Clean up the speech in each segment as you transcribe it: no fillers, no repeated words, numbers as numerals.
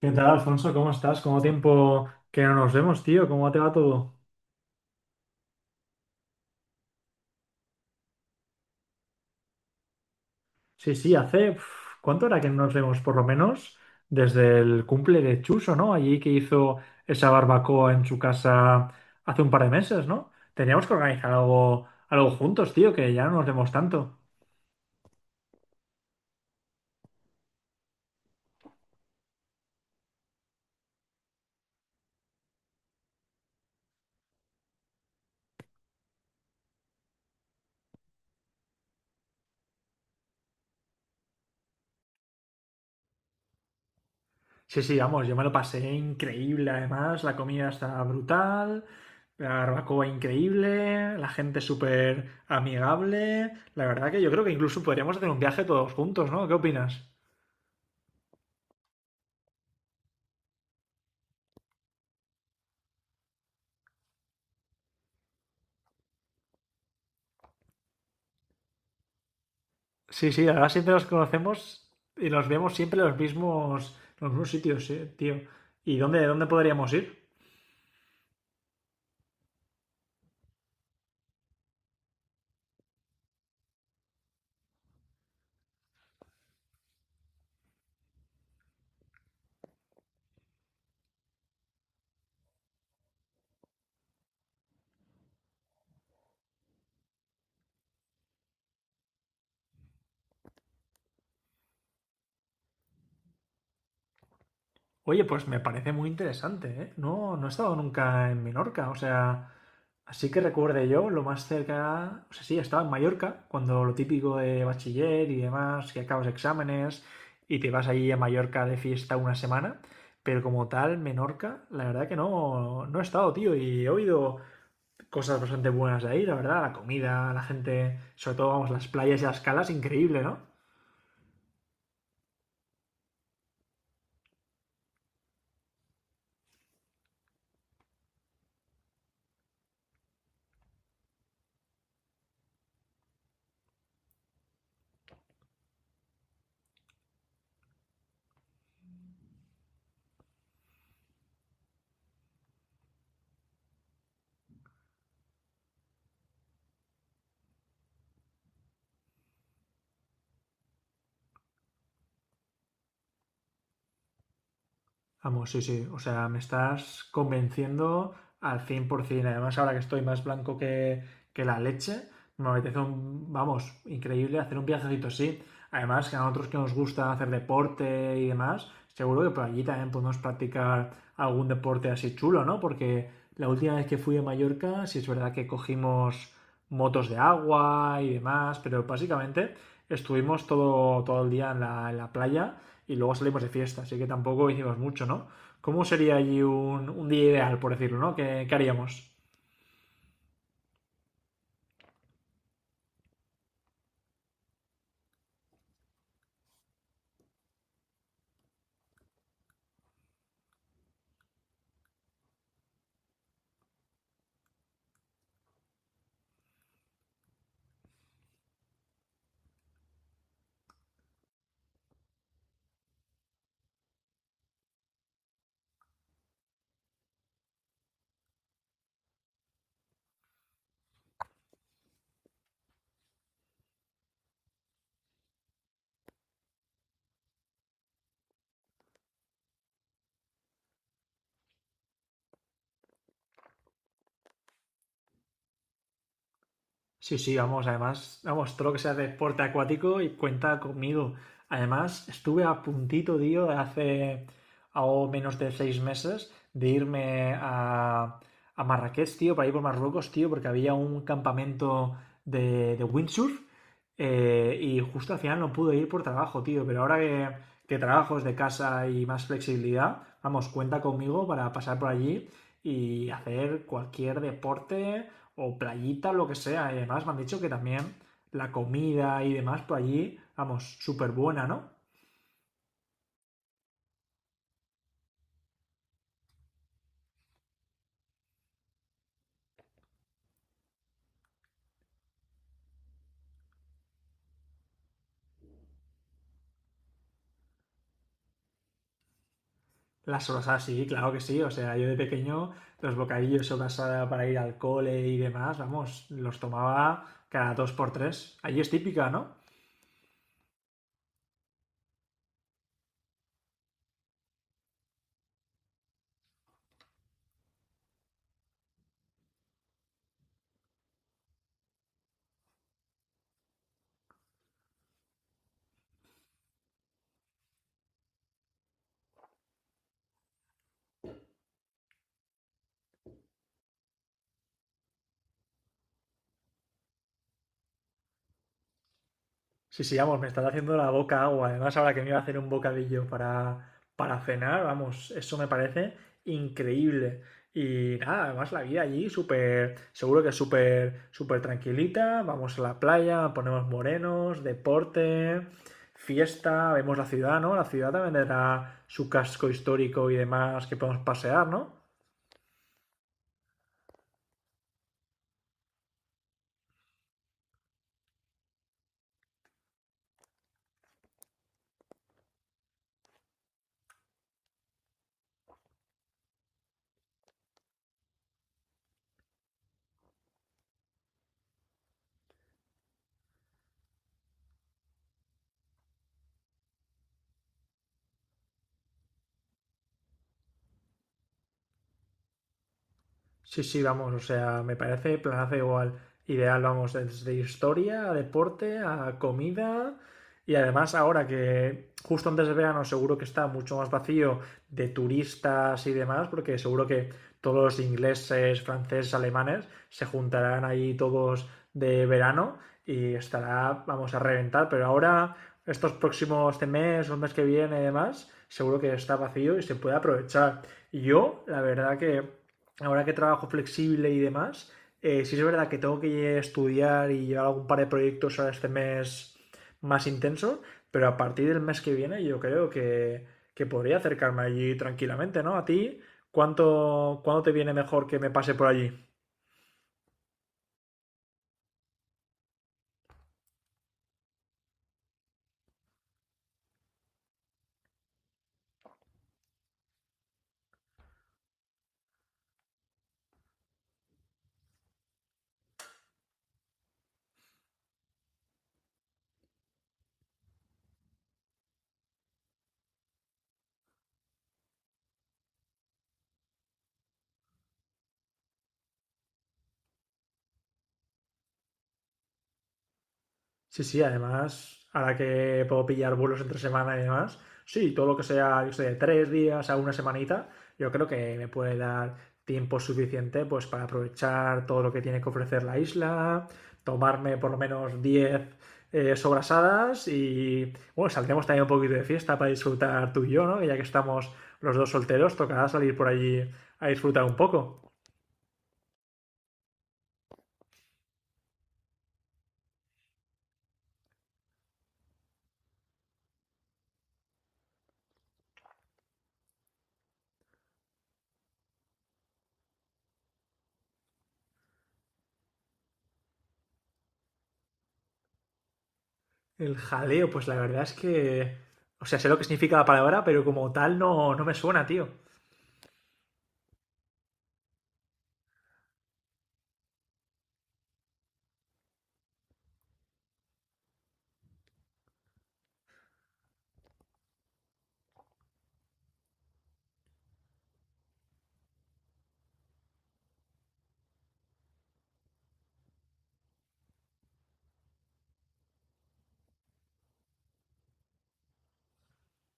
¿Qué tal, Alfonso? ¿Cómo estás? ¿Cómo tiempo que no nos vemos, tío? ¿Cómo te va todo? Sí, sí, ¿cuánto era que no nos vemos? Por lo menos desde el cumple de Chuso, ¿no? Allí que hizo esa barbacoa en su casa hace un par de meses, ¿no? Teníamos que organizar algo, algo juntos, tío, que ya no nos vemos tanto. Sí, sí, vamos, yo me lo pasé increíble además, la comida está brutal, la barbacoa increíble, la gente súper amigable, la verdad que yo creo que incluso podríamos hacer un viaje todos juntos, ¿no? ¿Qué opinas? Sí, sí, ahora siempre nos conocemos y nos vemos siempre en los mismos, sitios, sí, tío. ¿Y dónde podríamos ir? Oye, pues me parece muy interesante, ¿eh? No, no he estado nunca en Menorca, o sea, así que recuerde yo, lo más cerca, o sea, sí, estaba en Mallorca, cuando lo típico de bachiller y demás, que acabas exámenes y te vas allí a Mallorca de fiesta una semana, pero como tal, Menorca, la verdad que no, no he estado, tío, y he oído cosas bastante buenas de ahí, la verdad, la comida, la gente, sobre todo, vamos, las playas y las calas, increíble, ¿no? Vamos, sí, sí. O sea, me estás convenciendo al 100%. Además, ahora que estoy más blanco que la leche, me apetece un, vamos, increíble hacer un viajecito así. Además, que a nosotros que nos gusta hacer deporte y demás, seguro que por allí también podemos practicar algún deporte así chulo, ¿no? Porque la última vez que fui a Mallorca, sí es verdad que cogimos motos de agua y demás, pero básicamente estuvimos todo, todo el día en la playa y luego salimos de fiesta, así que tampoco hicimos mucho, ¿no? ¿Cómo sería allí un, día ideal, por decirlo, ¿no? ¿Qué haríamos? Sí, sí, vamos, además, vamos, todo lo que sea deporte acuático y cuenta conmigo. Además, estuve a puntito, tío, de hace algo menos de 6 meses de irme a, Marrakech, tío, para ir por Marruecos, tío, porque había un campamento de, windsurf y justo al final no pude ir por trabajo, tío, pero ahora que trabajo desde casa y más flexibilidad, vamos, cuenta conmigo para pasar por allí y hacer cualquier deporte o playita, o lo que sea. Y además me han dicho que también la comida y demás por allí, vamos, súper buena, ¿no? Las sobrasadas, sí, claro que sí. O sea, yo de pequeño los bocadillos sobrasada para ir al cole y demás, vamos, los tomaba cada dos por tres. Allí es típica, ¿no? Sí, sí, vamos, me está haciendo la boca agua. Además, ahora que me iba a hacer un bocadillo para cenar, vamos, eso me parece increíble. Y nada, además la vida allí súper, seguro que súper, súper tranquilita. Vamos a la playa, ponemos morenos, deporte, fiesta, vemos la ciudad, ¿no? La ciudad también tendrá su casco histórico y demás que podemos pasear, ¿no? Sí, sí, vamos, o sea, me parece planazo igual. Ideal, vamos, desde historia a deporte a comida. Y además, ahora que justo antes de verano seguro que está mucho más vacío de turistas y demás, porque seguro que todos los ingleses, franceses, alemanes se juntarán ahí todos de verano y estará, vamos a reventar. Pero ahora, este mes o el mes que viene y demás, seguro que está vacío y se puede aprovechar. Yo, la verdad que ahora que trabajo flexible y demás, sí es verdad que tengo que estudiar y llevar algún par de proyectos ahora este mes más intenso, pero a partir del mes que viene yo creo que podría acercarme allí tranquilamente, ¿no? A ti, ¿cuándo te viene mejor que me pase por allí? Sí, sí, además, ahora que puedo pillar vuelos entre semana y demás, sí, todo lo que sea, yo sé, de 3 días a una semanita, yo creo que me puede dar tiempo suficiente pues para aprovechar todo lo que tiene que ofrecer la isla, tomarme por lo menos 10 sobrasadas y, bueno, saldremos también un poquito de fiesta para disfrutar tú y yo, ¿no? Que ya que estamos los dos solteros, tocará salir por allí a disfrutar un poco. El jaleo, pues la verdad es que. O sea, sé lo que significa la palabra, pero como tal no, no me suena, tío.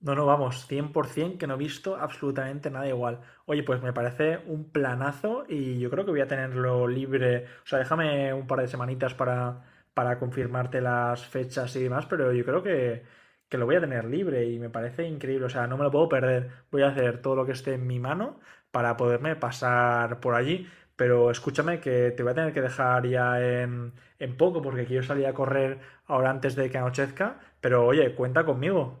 No, no, vamos, 100% que no he visto absolutamente nada igual. Oye, pues me parece un planazo y yo creo que voy a tenerlo libre. O sea, déjame un par de semanitas para confirmarte las fechas y demás, pero yo creo que lo voy a tener libre y me parece increíble. O sea, no me lo puedo perder. Voy a hacer todo lo que esté en mi mano para poderme pasar por allí. Pero escúchame que te voy a tener que dejar ya en poco porque quiero salir a correr ahora antes de que anochezca. Pero oye, cuenta conmigo.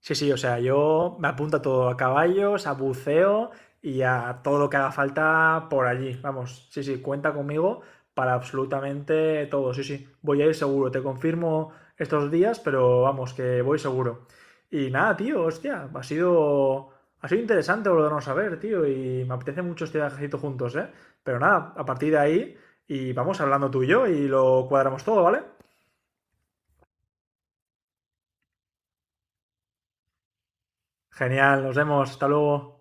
Sí, sí, o sea, yo me apunto a todo, a caballos, a buceo y a todo lo que haga falta por allí. Vamos, sí, sí, cuenta conmigo para absolutamente todo, sí, sí. Voy a ir seguro, te confirmo estos días, pero vamos, que voy seguro. Y nada, tío, hostia, ha sido interesante volvernos a ver, tío, y me apetece mucho este viajecito juntos, ¿eh? Pero nada, a partir de ahí, y vamos hablando tú y yo y lo cuadramos todo, ¿vale? Genial, nos vemos, hasta luego.